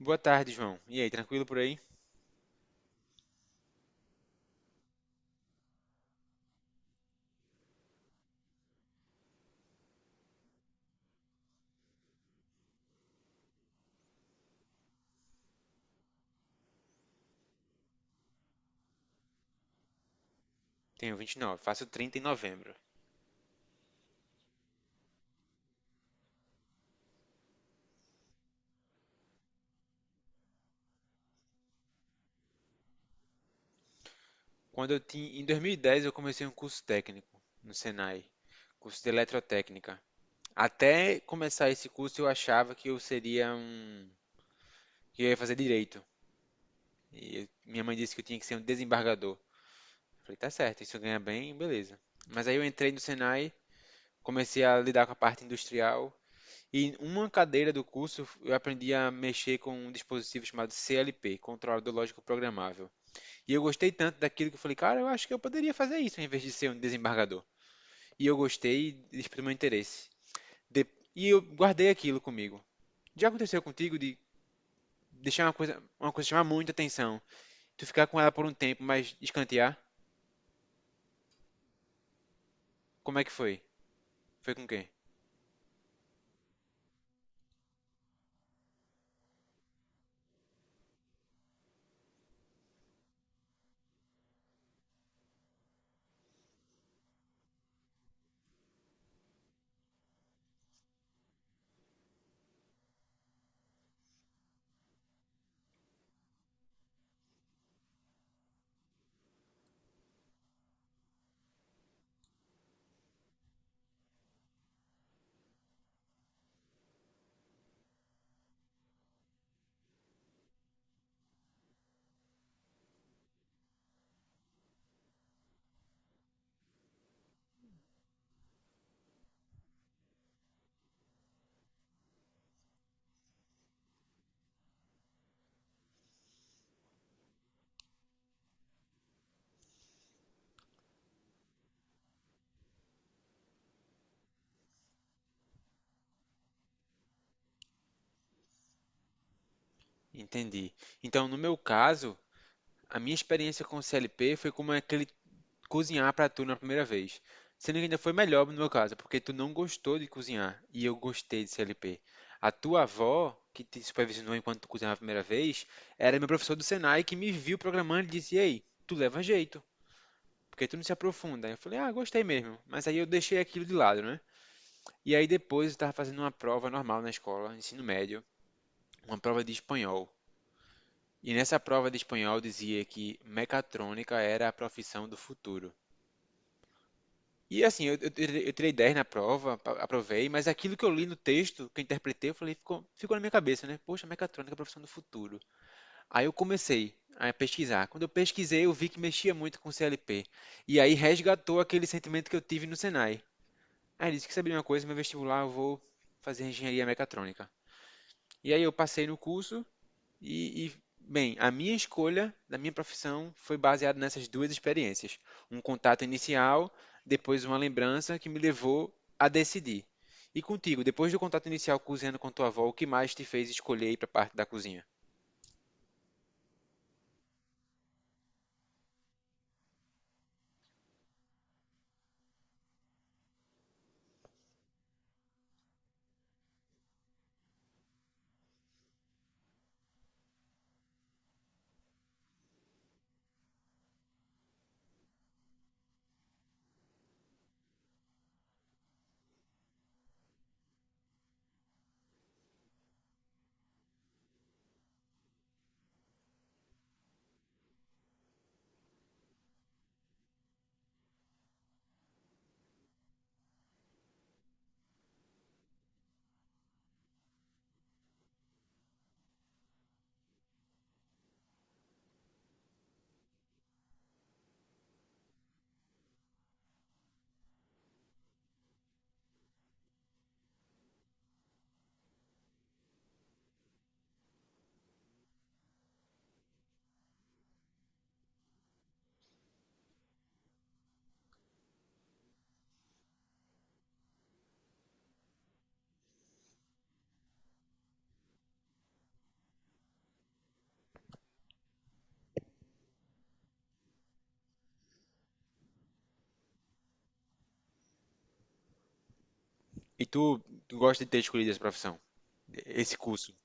Boa tarde, João. E aí, tranquilo por aí? Tenho 29, faço 30 em novembro. Quando eu tinha, em 2010 eu comecei um curso técnico no Senai, curso de eletrotécnica. Até começar esse curso eu achava que eu seria um, que eu ia fazer direito. Minha mãe disse que eu tinha que ser um desembargador. Eu falei, tá certo, isso ganha bem, beleza. Mas aí eu entrei no Senai, comecei a lidar com a parte industrial e em uma cadeira do curso eu aprendi a mexer com um dispositivo chamado CLP, controlador lógico programável. E eu gostei tanto daquilo que eu falei, cara, eu acho que eu poderia fazer isso em vez de ser um desembargador. E eu gostei e exprimi meu interesse. De- E eu guardei aquilo comigo. Já aconteceu contigo de deixar uma coisa chamar muita atenção, tu ficar com ela por um tempo, mas escantear? Como é que foi? Foi com quem? Entendi. Então, no meu caso, a minha experiência com o CLP foi como aquele cozinhar para tu na primeira vez. Sendo que ainda foi melhor no meu caso, porque tu não gostou de cozinhar e eu gostei de CLP. A tua avó, que te supervisionou enquanto tu cozinhava a primeira vez, era meu professor do Senai que me viu programando e disse: Ei, tu leva jeito, porque tu não se aprofunda. Eu falei: Ah, gostei mesmo. Mas aí eu deixei aquilo de lado, né? E aí depois eu estava fazendo uma prova normal na escola, ensino médio, uma prova de espanhol. E nessa prova de espanhol dizia que mecatrônica era a profissão do futuro. E assim, eu tirei 10 na prova, aprovei, mas aquilo que eu li no texto, que eu interpretei, eu falei, ficou na minha cabeça, né? Poxa, mecatrônica é a profissão do futuro. Aí eu comecei a pesquisar. Quando eu pesquisei, eu vi que mexia muito com CLP. E aí resgatou aquele sentimento que eu tive no Senai. Aí eu disse que sabia uma coisa, meu vestibular eu vou fazer engenharia mecatrônica. E aí eu passei no curso e, e, bem, a minha escolha da minha profissão foi baseada nessas duas experiências. Um contato inicial, depois uma lembrança que me levou a decidir. E contigo, depois do contato inicial cozinhando com tua avó, o que mais te fez escolher ir para a parte da cozinha? E tu, tu gosta de ter escolhido essa profissão, esse curso?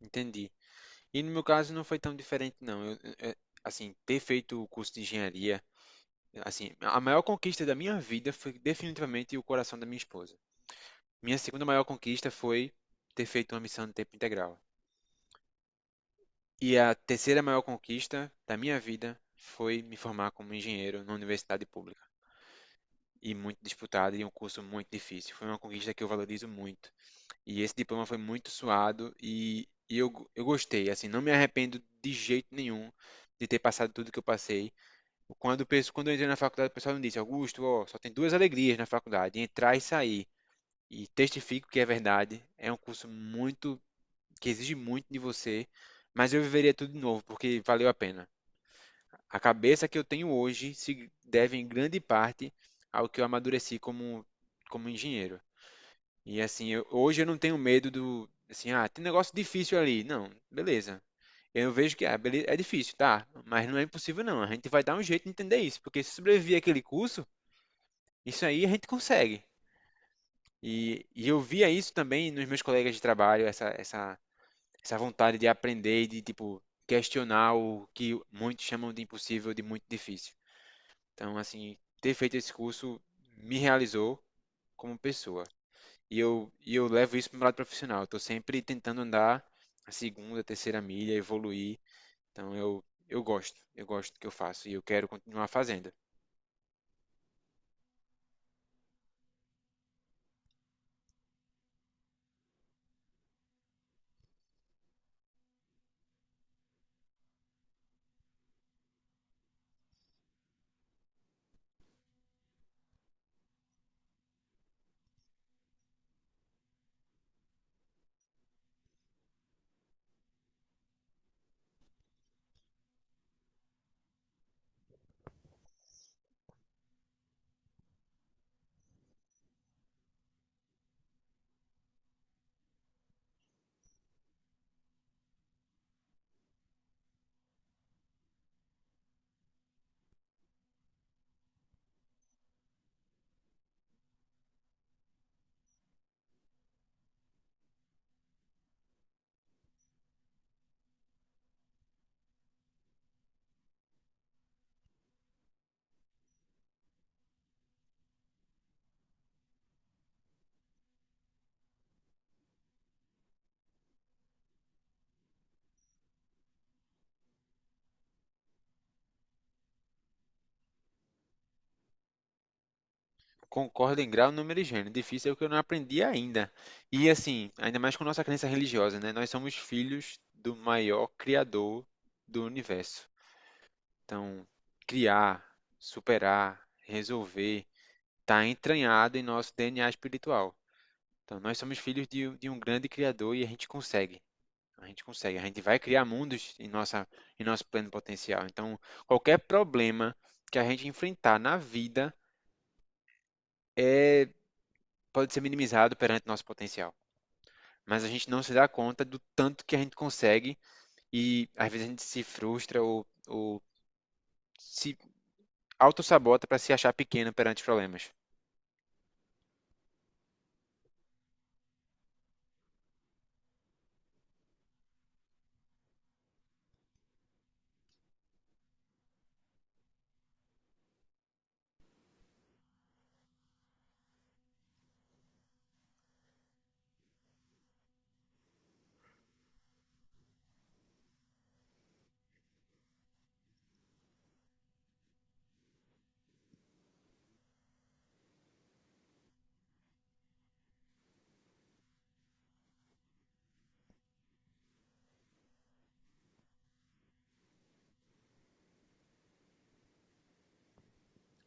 Entendi. E no meu caso não foi tão diferente, não. Assim, ter feito o curso de engenharia, assim, a maior conquista da minha vida foi definitivamente o coração da minha esposa. Minha segunda maior conquista foi ter feito uma missão de tempo integral. E a terceira maior conquista da minha vida foi me formar como engenheiro na universidade pública. E muito disputada e um curso muito difícil. Foi uma conquista que eu valorizo muito. E esse diploma foi muito suado eu gostei. Assim, não me arrependo de jeito nenhum de ter passado tudo que eu passei. Quando eu entrei na faculdade, o pessoal me disse: Augusto, ó, só tem duas alegrias na faculdade, entrar e sair. E testifico que é verdade. É um curso muito que exige muito de você, mas eu viveria tudo de novo, porque valeu a pena. A cabeça que eu tenho hoje se deve em grande parte ao que eu amadureci como engenheiro. E assim, hoje eu não tenho medo do, assim, ah, tem negócio difícil ali. Não, beleza. Eu vejo que ah, é difícil, tá? Mas não é impossível, não. A gente vai dar um jeito de entender isso, porque se sobreviver àquele curso, isso aí a gente consegue. E eu via isso também nos meus colegas de trabalho, essa vontade de aprender e de, tipo, questionar o que muitos chamam de impossível, de muito difícil. Então, assim, ter feito esse curso me realizou como pessoa. E eu levo isso para o lado profissional. Estou sempre tentando andar a segunda, terceira milha, evoluir. Então, eu gosto. Eu gosto do que eu faço e eu quero continuar fazendo. Concordo em grau, número e gênero. Difícil é o que eu não aprendi ainda. E assim, ainda mais com nossa crença religiosa, né? Nós somos filhos do maior criador do universo. Então, criar, superar, resolver, está entranhado em nosso DNA espiritual. Então, nós somos filhos de um grande Criador e a gente consegue. A gente consegue. A gente vai criar mundos em nosso pleno potencial. Então, qualquer problema que a gente enfrentar na vida é, pode ser minimizado perante nosso potencial. Mas a gente não se dá conta do tanto que a gente consegue e às vezes a gente se frustra ou se autossabota para se achar pequeno perante os problemas.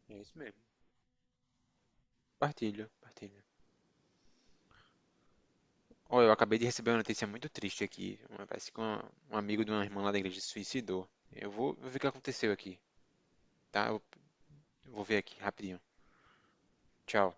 É isso mesmo. Partilho, partilho. Oh, eu acabei de receber uma notícia muito triste aqui. Parece que um amigo de uma irmã lá da igreja se suicidou. Eu vou ver o que aconteceu aqui, tá? Eu vou ver aqui, rapidinho. Tchau.